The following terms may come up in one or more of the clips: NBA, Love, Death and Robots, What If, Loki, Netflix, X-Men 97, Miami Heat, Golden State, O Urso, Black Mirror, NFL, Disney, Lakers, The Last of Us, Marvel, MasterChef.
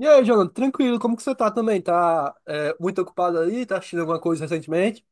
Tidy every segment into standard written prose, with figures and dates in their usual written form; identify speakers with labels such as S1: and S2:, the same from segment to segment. S1: E aí, Jonathan, tranquilo, como que você tá também? Tá muito ocupado aí? Tá assistindo alguma coisa recentemente?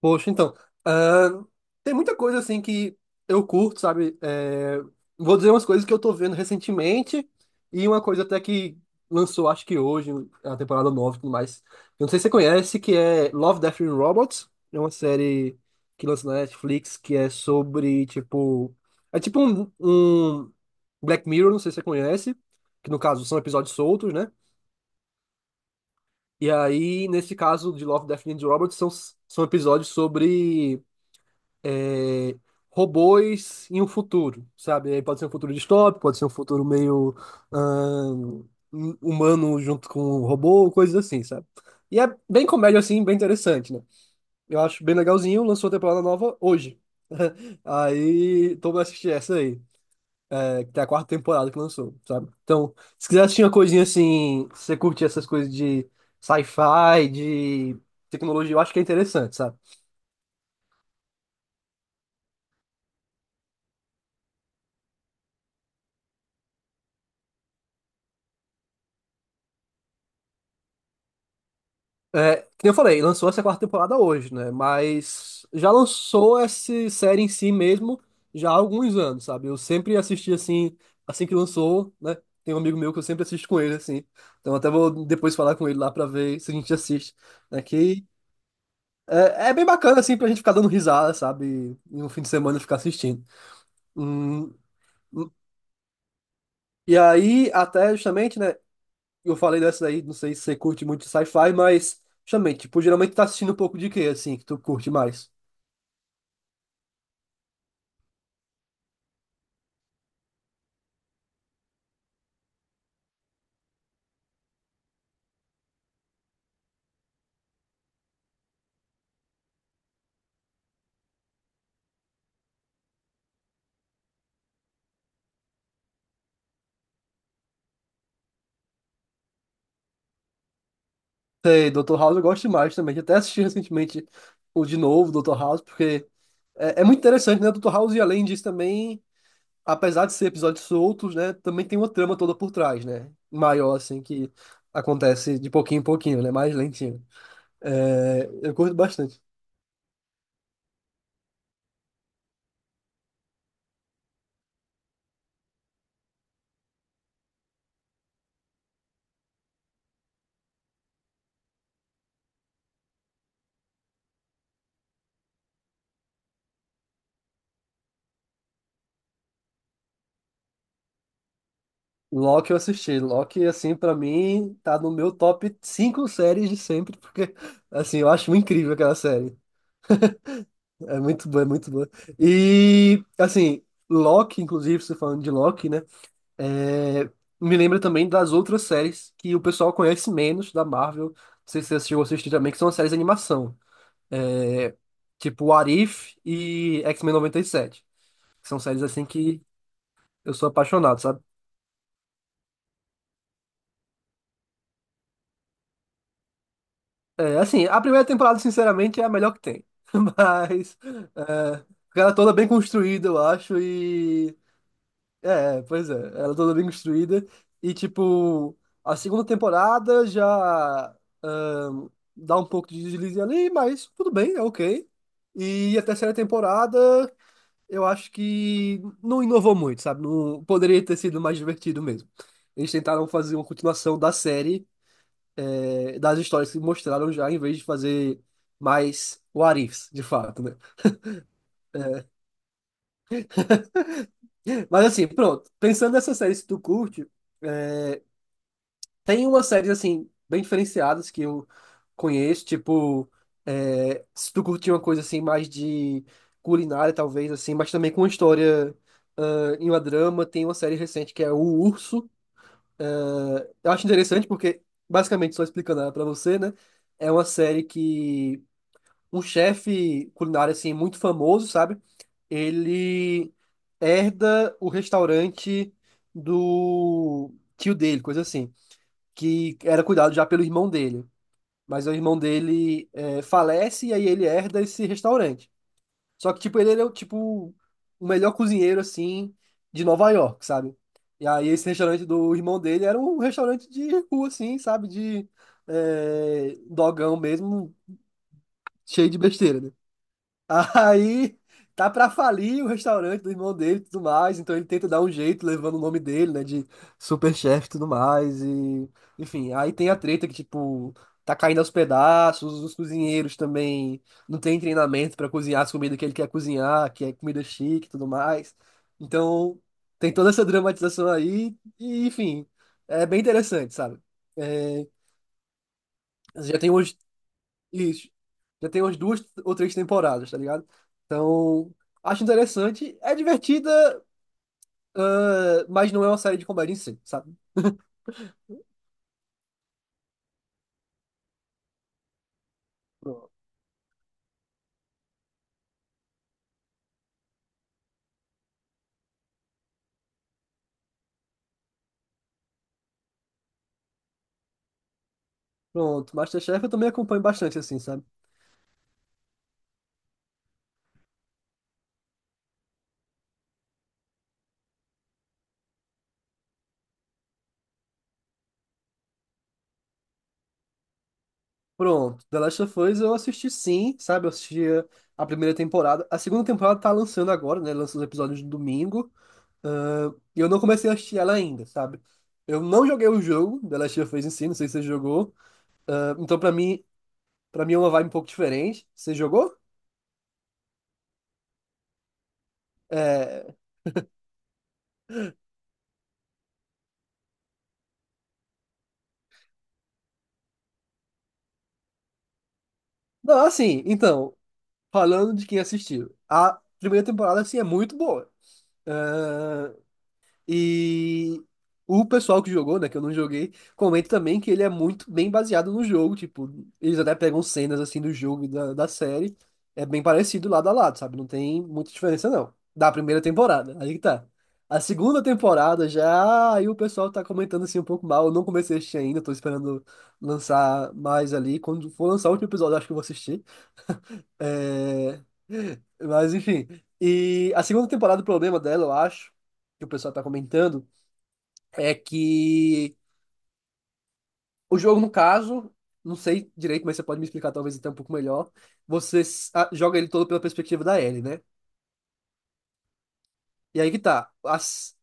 S1: Poxa, então, ahn, tem muita coisa assim que eu curto, sabe? Vou dizer umas coisas que eu tô vendo recentemente, e uma coisa até que lançou, acho que hoje, a temporada nova e tudo mais. Eu não sei se você conhece, que é Love, Death and Robots. É uma série que lança na Netflix que é sobre, tipo, é tipo um Black Mirror, não sei se você conhece, que no caso são episódios soltos, né? E aí, nesse caso de Love, Death and Robots, são episódios sobre é, robôs em um futuro, sabe? Aí pode ser um futuro distópico, pode ser um futuro meio ahn, humano junto com um robô, coisas assim, sabe? E é bem comédia, assim, bem interessante, né? Eu acho bem legalzinho, lançou a temporada nova hoje. Aí, tô pra assistir essa aí. Até a quarta temporada que lançou, sabe? Então, se quiser assistir uma coisinha assim, se você curtir essas coisas de sci-fi, de tecnologia, eu acho que é interessante, sabe? É, que nem eu falei, lançou essa quarta temporada hoje, né? Mas já lançou essa série em si mesmo já há alguns anos, sabe? Eu sempre assisti assim, assim que lançou, né? Tem um amigo meu que eu sempre assisto com ele, assim. Então até vou depois falar com ele lá pra ver se a gente assiste, né? Que é bem bacana, assim, pra gente ficar dando risada, sabe? E no fim de semana ficar assistindo. Hum, e aí, até justamente, né? Eu falei dessa aí, não sei se você curte muito sci-fi, mas justamente, tipo, geralmente tá assistindo um pouco de quê, assim, que tu curte mais? Sei, Doutor House eu gosto mais também. Eu até assisti recentemente o de novo, Doutor House, porque é muito interessante, né? Doutor House, e além disso, também, apesar de ser episódios soltos, né? Também tem uma trama toda por trás, né? Maior, assim, que acontece de pouquinho em pouquinho, né? Mais lentinho. É, eu curto bastante. Loki eu assisti. Loki, assim, pra mim, tá no meu top 5 séries de sempre, porque, assim, eu acho incrível aquela série. É muito boa, é muito boa. E, assim, Loki, inclusive, você falando de Loki, né? é, Me lembra também das outras séries que o pessoal conhece menos da Marvel. Não sei se você assistiu ou assistiu também, que são as séries de animação. É, tipo What If e X-Men 97, que são séries, assim, que eu sou apaixonado, sabe? É, assim, a primeira temporada, sinceramente, é a melhor que tem. Mas é, ela é toda bem construída, eu acho. É, pois é, ela é toda bem construída. E tipo, a segunda temporada já ahn, dá um pouco de deslize ali, mas tudo bem, é ok. E a terceira temporada, eu acho que não inovou muito, sabe? Não, poderia ter sido mais divertido mesmo. Eles tentaram fazer uma continuação da série, das histórias que mostraram já, em vez de fazer mais what ifs, de fato, né? Mas assim, pronto. Pensando nessas séries que tu curte, tem umas séries, assim, bem diferenciadas que eu conheço, tipo, se tu curtir uma coisa, assim, mais de culinária, talvez, assim, mas também com uma história, em uma drama, tem uma série recente que é O Urso. Eu acho interessante porque, basicamente, só explicando ela pra você, né? É uma série que um chefe culinário, assim, muito famoso, sabe? Ele herda o restaurante do tio dele, coisa assim, que era cuidado já pelo irmão dele. Mas o irmão dele, falece, e aí ele herda esse restaurante. Só que, tipo, ele é o, tipo, o melhor cozinheiro, assim, de Nova York, sabe? E aí esse restaurante do irmão dele era um restaurante de rua, assim, sabe? De dogão mesmo, cheio de besteira, né? Aí tá pra falir o restaurante do irmão dele e tudo mais, então ele tenta dar um jeito levando o nome dele, né, de superchefe e tudo mais, e enfim, aí tem a treta que, tipo, tá caindo aos pedaços, os cozinheiros também não tem treinamento pra cozinhar as comidas que ele quer cozinhar, que é comida chique e tudo mais, então tem toda essa dramatização aí, e enfim, é bem interessante, sabe? É, já tem isso. Já tem umas duas ou três temporadas, tá ligado? Então, acho interessante. É divertida, mas não é uma série de comédia em si, sabe? Pronto. Pronto. MasterChef eu também acompanho bastante, assim, sabe? Pronto. The Last of Us eu assisti, sim, sabe? Eu assisti a primeira temporada. A segunda temporada tá lançando agora, né? Lança os episódios no domingo. Ah, e eu não comecei a assistir ela ainda, sabe? Eu não joguei o jogo The Last of Us em si, não sei se você jogou. Ah, então, pra mim é uma vibe um pouco diferente. Você jogou? É, não, assim, então, falando de quem assistiu, a primeira temporada, assim, é muito boa. Ah, e o pessoal que jogou, né, que eu não joguei, comenta também que ele é muito bem baseado no jogo, tipo, eles até pegam cenas, assim, do jogo e da série, é bem parecido lado a lado, sabe? Não tem muita diferença, não, da primeira temporada, aí que tá. A segunda temporada já, aí o pessoal tá comentando, assim, um pouco mal, eu não comecei a assistir ainda, tô esperando lançar mais ali, quando for lançar o último episódio, eu acho que eu vou assistir. É... Mas enfim. E a segunda temporada, o problema dela, eu acho, que o pessoal tá comentando, é que o jogo, no caso, não sei direito, mas você pode me explicar talvez até um pouco melhor. Você joga ele todo pela perspectiva da Ellie, né? E aí que tá.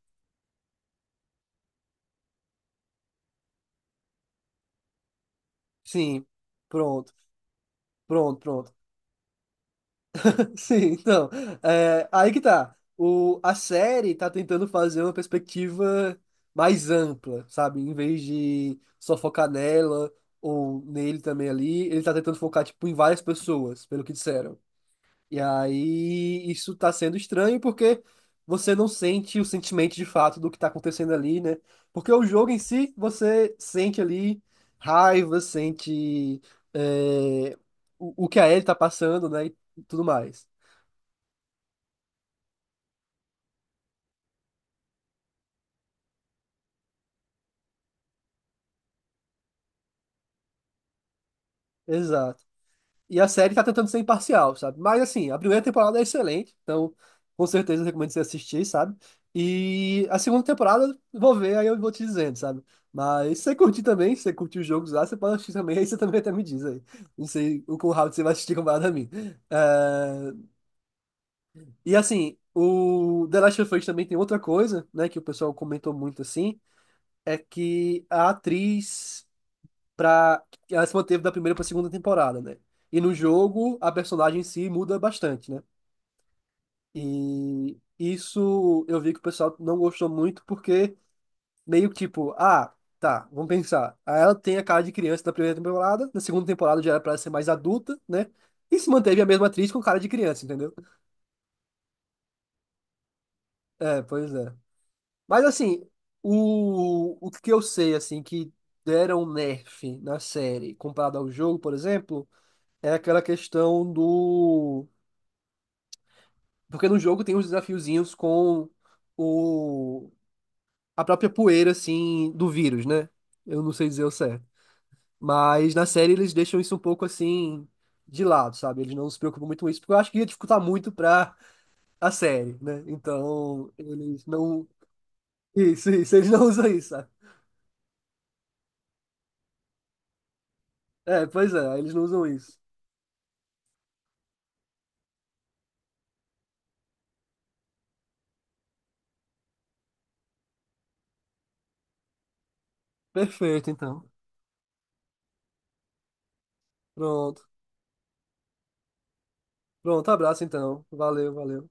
S1: Sim, pronto, pronto, pronto. Sim, então, aí que tá. A série tá tentando fazer uma perspectiva mais ampla, sabe? Em vez de só focar nela ou nele também ali, ele tá tentando focar, tipo, em várias pessoas, pelo que disseram. E aí isso tá sendo estranho porque você não sente o sentimento de fato do que tá acontecendo ali, né? Porque o jogo em si, você sente ali raiva, sente é, o que a Ellie tá passando, né? E tudo mais. Exato. E a série tá tentando ser imparcial, sabe? Mas assim, a primeira temporada é excelente, então com certeza eu recomendo você assistir, sabe? E a segunda temporada eu vou ver, aí eu vou te dizendo, sabe? Mas se você curtir também, se você curtir os jogos lá, você pode assistir também, aí você também até me diz aí. Não sei o quão rápido você vai assistir comparado a mim. Eh, E assim, o The Last of Us também tem outra coisa, né, que o pessoal comentou muito assim, é que a atriz para ela se manteve da primeira para segunda temporada, né? E no jogo a personagem em si muda bastante, né? E isso eu vi que o pessoal não gostou muito porque meio que tipo, ah, tá, vamos pensar. Aí ela tem a cara de criança na primeira temporada, na segunda temporada já era para ser mais adulta, né? E se manteve a mesma atriz com cara de criança, entendeu? É, pois é. Mas assim, o que eu sei assim que deram um nerf na série comparado ao jogo, por exemplo, é aquela questão do... porque no jogo tem uns desafiozinhos com o... a própria poeira, assim, do vírus, né? Eu não sei dizer o certo. Mas na série eles deixam isso um pouco assim de lado, sabe? Eles não se preocupam muito com isso, porque eu acho que ia dificultar muito pra a série, né? Então, eles não. Isso, eles não usam isso, sabe? É, pois é, eles não usam isso. Perfeito, então. Pronto. Pronto, abraço então. Valeu, valeu.